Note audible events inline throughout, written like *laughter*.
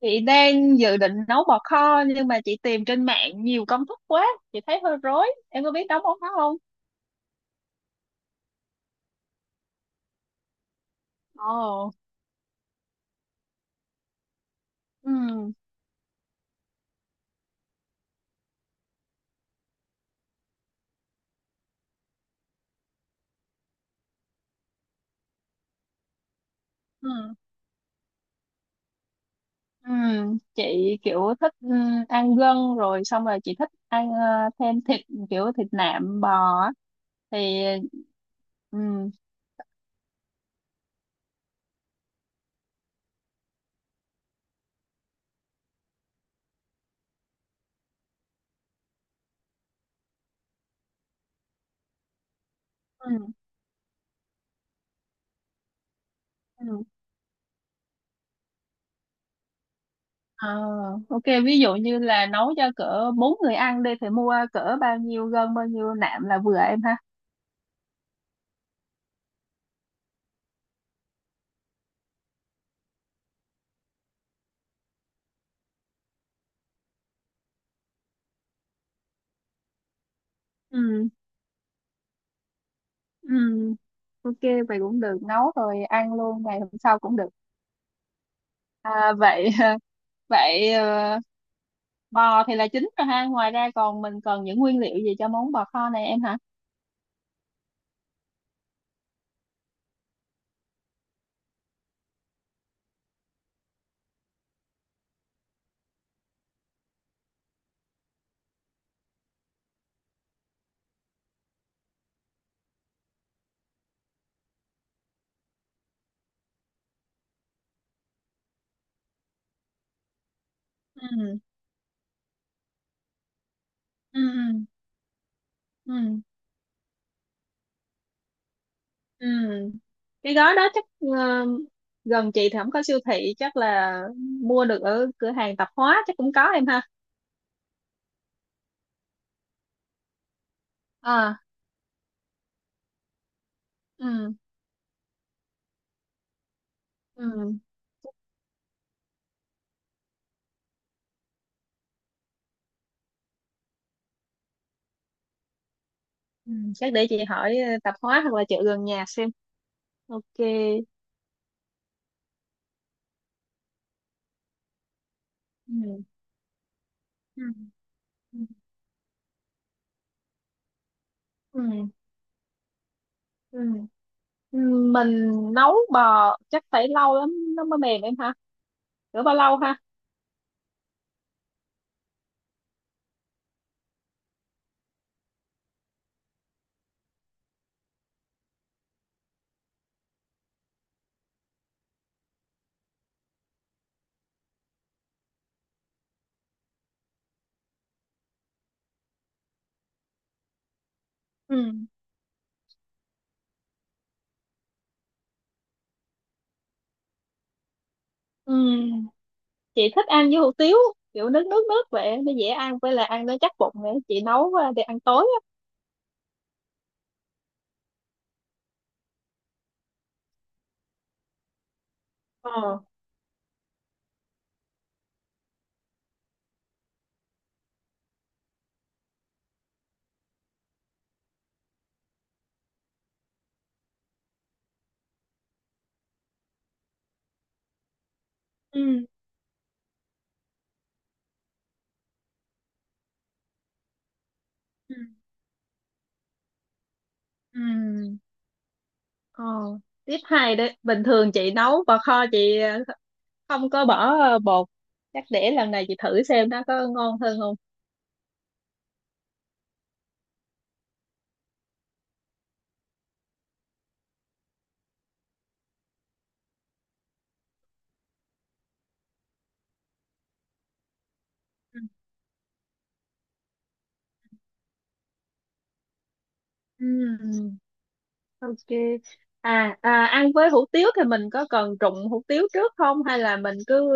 Chị đang dự định nấu bò kho nhưng mà chị tìm trên mạng nhiều công thức quá, chị thấy hơi rối. Em có biết nấu bò kho không? Ồ, ừ, ừ, ừ. Chị kiểu thích ăn gân rồi xong rồi chị thích ăn thêm thịt kiểu thịt nạm bò á. Thì ừ, ừ, ừ. Ờ, ok, ví dụ như là nấu cho cỡ bốn người ăn đi thì mua cỡ bao nhiêu gân bao nhiêu nạm là vừa em ha. Ừ. Ừ, ok vậy cũng được, nấu rồi ăn luôn ngày hôm sau cũng được à, vậy *laughs* vậy bò thì là chính rồi ha, ngoài ra còn mình cần những nguyên liệu gì cho món bò kho này em hả. Ừ, ừ, ừ, ừ. Cái gói đó chắc gần chị thì không có siêu thị, chắc là mua được ở cửa hàng tạp hóa chắc cũng có em ha. À, ừ, ừ, ừ. Chắc để chị hỏi tạp hóa hoặc là chợ gần nhà xem. Ok. Ừ, ừ, ừ, ừ. Ừ, mình nấu bò chắc phải lâu lắm nó mới mềm em ha, rửa bao lâu ha. Ừ, ừ, chị thích ăn với hủ tiếu kiểu nước nước nước vậy nó dễ ăn, với là ăn nó chắc bụng nữa, chị nấu để ăn tối á. Ờ, ừ, ừ, ừ. Ờ, Tiếp hai đấy, bình thường chị nấu bò kho chị không có bỏ bột, chắc để lần này chị thử xem nó có ngon hơn không. Ừ, ừ. Ok. À, ăn với hủ tiếu thì mình có cần trụng hủ tiếu trước không, hay là mình cứ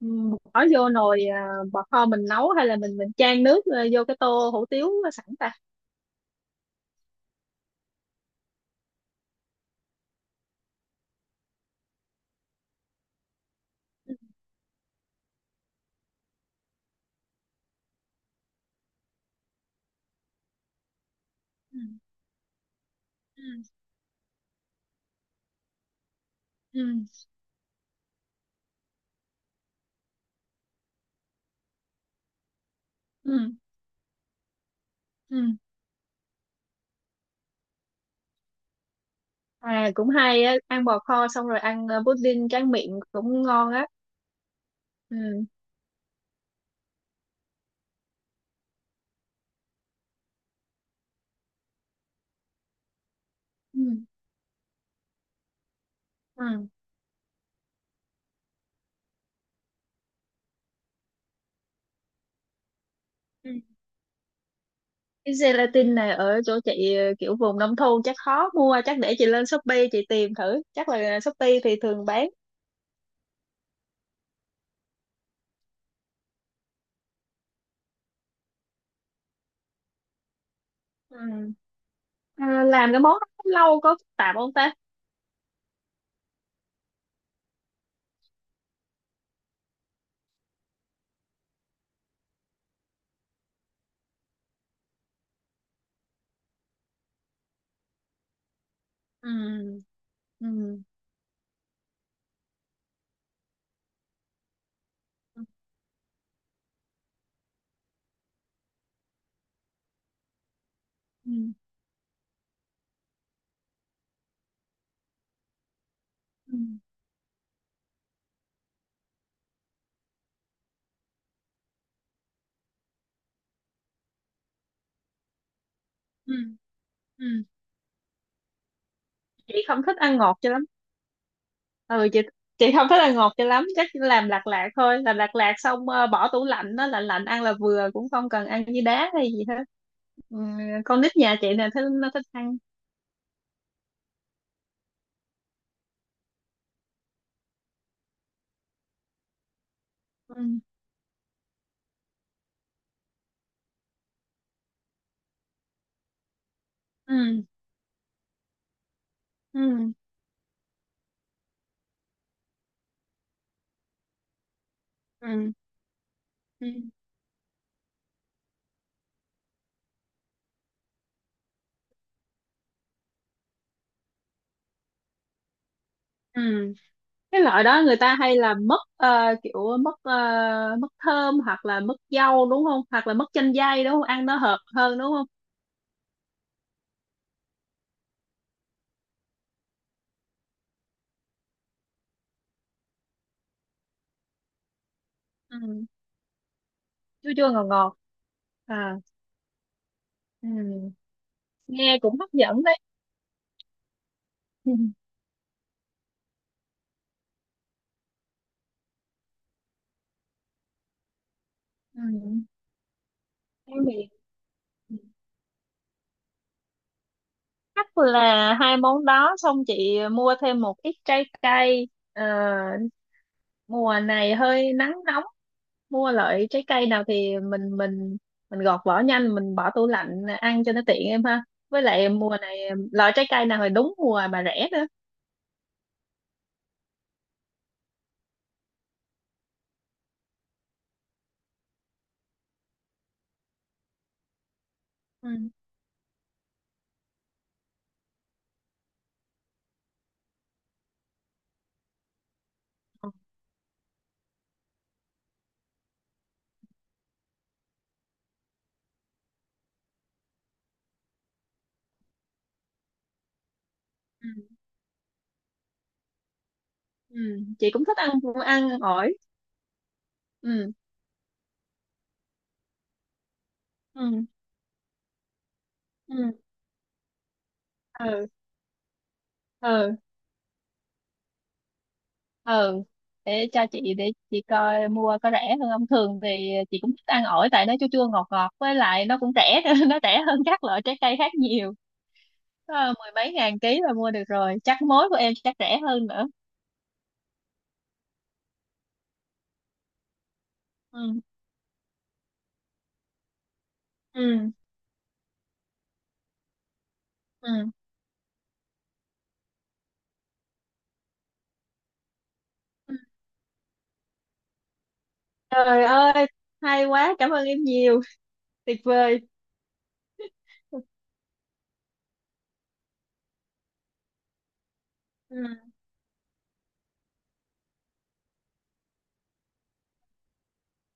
bỏ vô nồi bò kho mình nấu, hay là mình chan nước vô cái tô hủ tiếu sẵn ta? Ừ, ừ, ừ, ừ, ừ, ừ. À cũng hay á, ăn bò kho xong rồi ăn pudding tráng miệng cũng ngon á. Ừ. Ừ. Ừ. Ừ. Cái gelatin này ở chỗ chị kiểu vùng nông thôn chắc khó mua, chắc để chị lên Shopee chị tìm thử, chắc là Shopee thì thường bán. Ừ. À, làm cái món đó cũng lâu, có phức tạp không ta? Ừ, ừ, ừ, ừ, ừ, ừ, ừ. Chị không thích ăn ngọt cho lắm. Ừ, chị không thích ăn ngọt cho lắm, chắc chỉ làm lạt lạt thôi, làm lạt lạt xong bỏ tủ lạnh nó lạnh lạnh ăn là vừa, cũng không cần ăn với đá hay gì hết. Ừ, con nít nhà chị nè thích, nó thích ăn. Ừ, ừ, ừ, ừ, ừ, ừ. Cái loại đó người ta hay là mứt kiểu mứt mứt thơm hoặc là mứt dâu đúng không, hoặc là mứt chanh dây đúng không, ăn nó hợp hơn đúng không. Ừ, chua chua ngọt ngọt. À, ừ. Nghe cũng hấp dẫn đấy. *laughs* Ừ. Ừ. Em thì chắc là hai món đó, xong chị mua thêm một ít trái cây. Ờ, Mùa này hơi nắng nóng, mua loại trái cây nào thì mình gọt vỏ nhanh, mình bỏ tủ lạnh ăn cho nó tiện em ha, với lại mùa này loại trái cây nào thì đúng mùa mà rẻ nữa. Ừ. Ừ. Ừ. Ừ. Chị cũng thích ăn ăn ổi. Ừ, ừ, ừ, ừ, ừ, ừ. Để chị coi mua có rẻ hơn không, thường thì chị cũng thích ăn ổi tại nó chua chua ngọt ngọt, với lại nó cũng rẻ nữa, *laughs* nó rẻ hơn các loại trái cây khác nhiều. Có mười mấy ngàn ký là mua được rồi, chắc mối của em chắc rẻ hơn nữa. Ừ, ừ, ừ. Ừ. Trời ơi, hay quá, cảm ơn em nhiều, tuyệt vời. Ừ,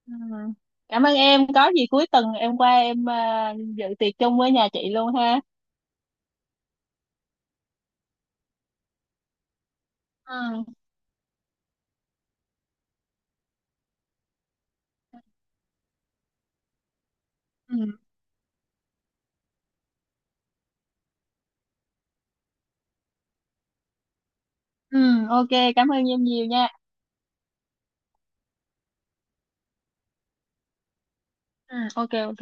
ừ. Cảm ơn em, có gì cuối tuần em qua em à, dự tiệc chung với nhà chị luôn ha. Ừ. Ừ. Ừ, ok, cảm ơn em nhiều nha. Ừ, ok, ok.